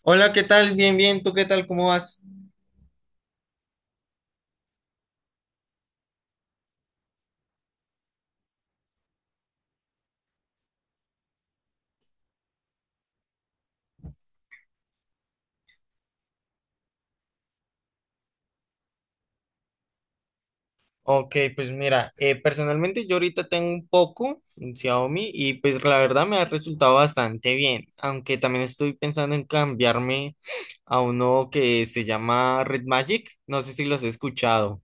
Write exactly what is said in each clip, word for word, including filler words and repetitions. Hola, ¿qué tal? Bien, bien. ¿Tú qué tal? ¿Cómo vas? Ok, pues mira, eh, personalmente yo ahorita tengo un poco un Xiaomi y pues la verdad me ha resultado bastante bien, aunque también estoy pensando en cambiarme a uno que se llama Red Magic, no sé si los he escuchado.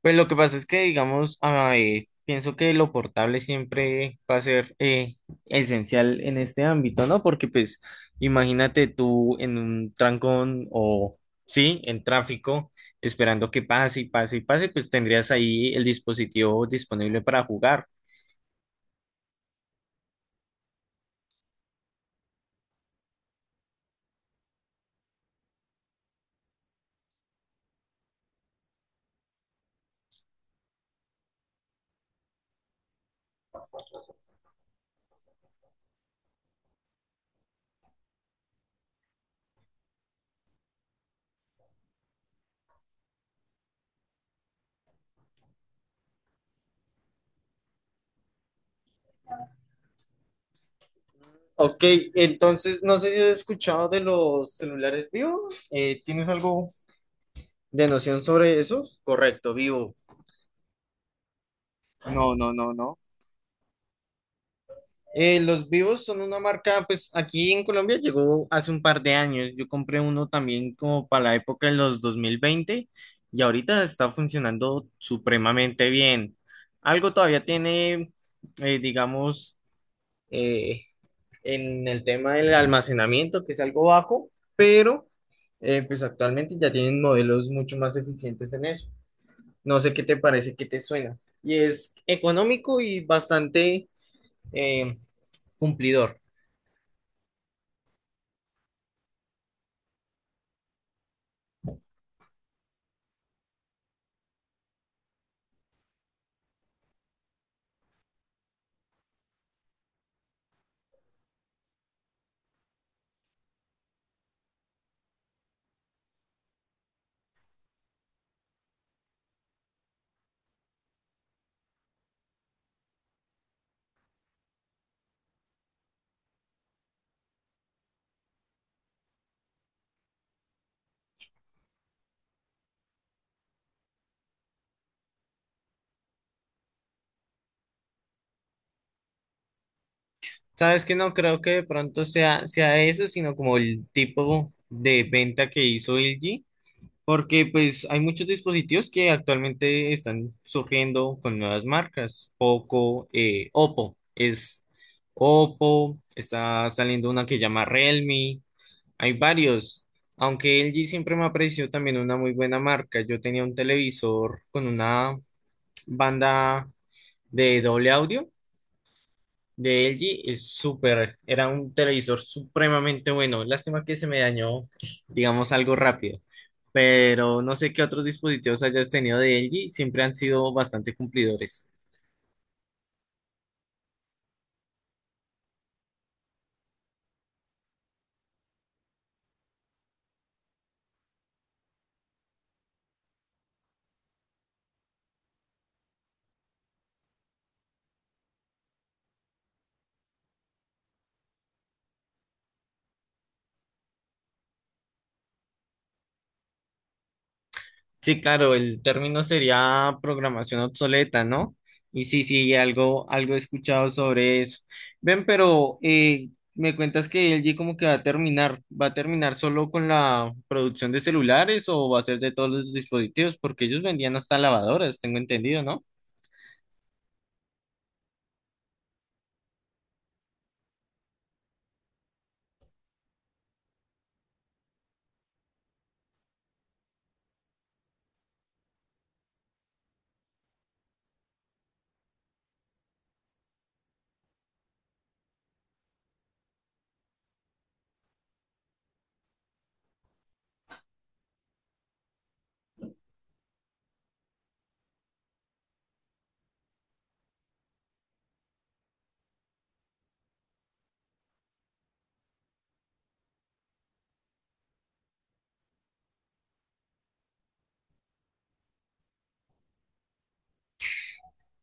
Pues lo que pasa es que, digamos, ah, eh, pienso que lo portable siempre va a ser eh, esencial en este ámbito, ¿no? Porque, pues, imagínate tú en un trancón o, sí, en tráfico, esperando que pase y pase y pase, pues tendrías ahí el dispositivo disponible para jugar. Ok, entonces, no sé si has escuchado de los celulares Vivo. Eh, ¿tienes algo de noción sobre eso? Correcto, Vivo. No, no, no, no. Eh, los Vivos son una marca, pues aquí en Colombia llegó hace un par de años. Yo compré uno también como para la época de los dos mil veinte y ahorita está funcionando supremamente bien. Algo todavía tiene, eh, digamos, eh, en el tema del almacenamiento, que es algo bajo, pero eh, pues actualmente ya tienen modelos mucho más eficientes en eso. No sé qué te parece, qué te suena. Y es económico y bastante eh, cumplidor. Sabes que no creo que de pronto sea, sea eso, sino como el tipo de venta que hizo L G, porque pues hay muchos dispositivos que actualmente están surgiendo con nuevas marcas. Poco, eh, Oppo es Oppo, está saliendo una que llama Realme, hay varios. Aunque L G siempre me ha parecido también una muy buena marca. Yo tenía un televisor con una banda de doble audio de L G es súper, era un televisor supremamente bueno. Lástima que se me dañó, digamos, algo rápido. Pero no sé qué otros dispositivos hayas tenido de L G, siempre han sido bastante cumplidores. Sí, claro, el término sería programación obsoleta, ¿no? Y sí, sí, algo, algo he escuchado sobre eso. Ven, pero eh, me cuentas que L G como que va a terminar, ¿va a terminar solo con la producción de celulares o va a ser de todos los dispositivos? Porque ellos vendían hasta lavadoras, tengo entendido, ¿no?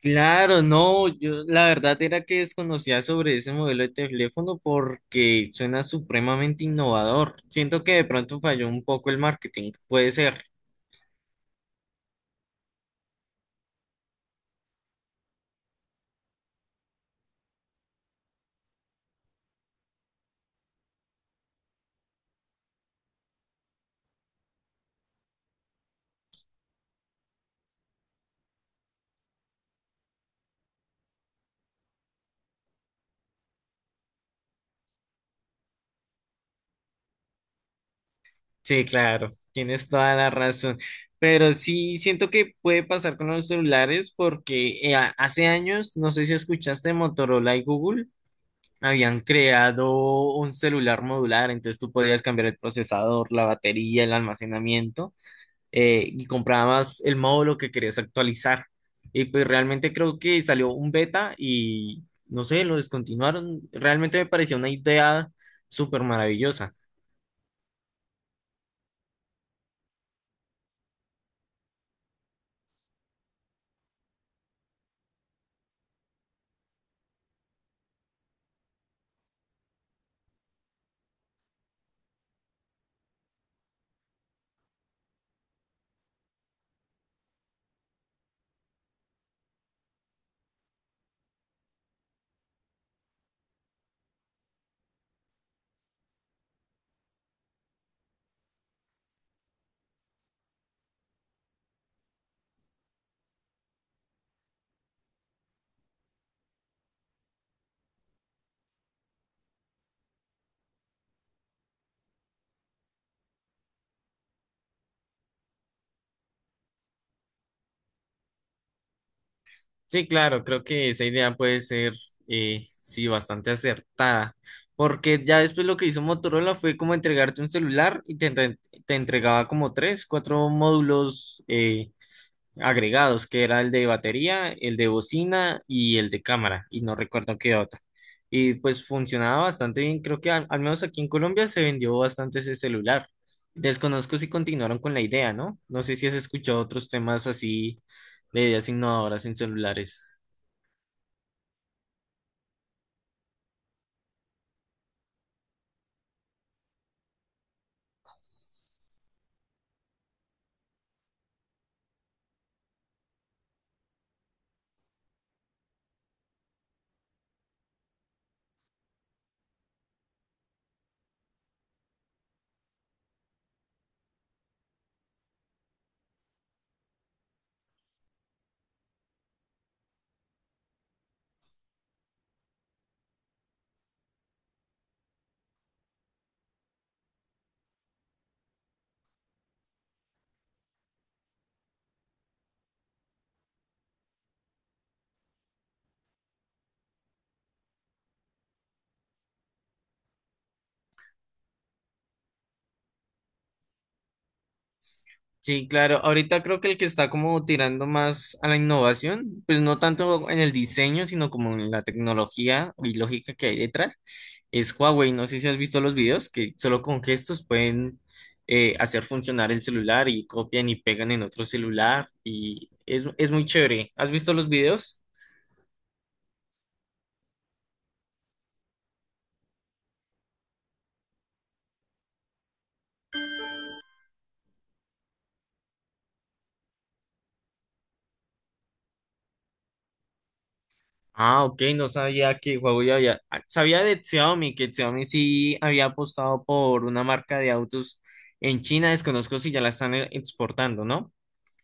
Claro, no, yo la verdad era que desconocía sobre ese modelo de teléfono porque suena supremamente innovador. Siento que de pronto falló un poco el marketing, puede ser. Sí, claro, tienes toda la razón. Pero sí siento que puede pasar con los celulares porque eh, a- hace años, no sé si escuchaste, Motorola y Google habían creado un celular modular, entonces tú podías cambiar el procesador, la batería, el almacenamiento, eh, y comprabas el módulo que querías actualizar. Y pues realmente creo que salió un beta y no sé, lo descontinuaron. Realmente me pareció una idea súper maravillosa. Sí, claro, creo que esa idea puede ser, eh, sí, bastante acertada, porque ya después lo que hizo Motorola fue como entregarte un celular y te, entre- te entregaba como tres, cuatro módulos eh, agregados, que era el de batería, el de bocina y el de cámara, y no recuerdo qué otro. Y pues funcionaba bastante bien, creo que al, al menos aquí en Colombia se vendió bastante ese celular. Desconozco si continuaron con la idea, ¿no? No sé si has escuchado otros temas así de ideas innovadoras en celulares. Sí, claro. Ahorita creo que el que está como tirando más a la innovación, pues no tanto en el diseño, sino como en la tecnología y lógica que hay detrás, es Huawei. No sé si has visto los videos que solo con gestos pueden eh, hacer funcionar el celular y copian y pegan en otro celular y es, es muy chévere. ¿Has visto los videos? Ah, ok, no sabía que Huawei había, ah, sabía de Xiaomi, que Xiaomi sí había apostado por una marca de autos en China, desconozco si ya la están e- exportando, ¿no?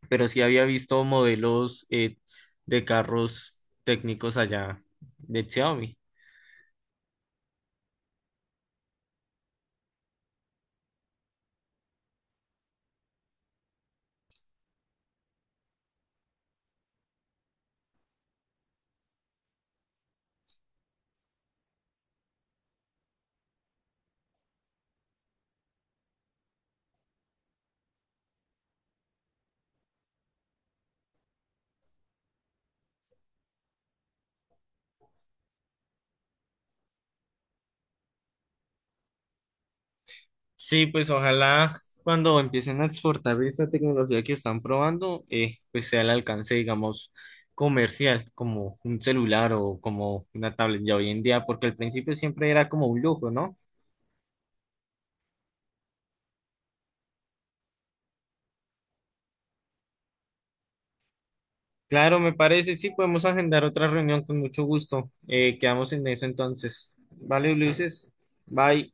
Pero sí había visto modelos eh, de carros técnicos allá de Xiaomi. Sí, pues ojalá cuando empiecen a exportar esta tecnología que están probando, eh, pues sea al alcance, digamos, comercial, como un celular o como una tablet ya hoy en día, porque al principio siempre era como un lujo, ¿no? Claro, me parece, sí, podemos agendar otra reunión con mucho gusto. Eh, quedamos en eso entonces. Vale, Ulises, bye.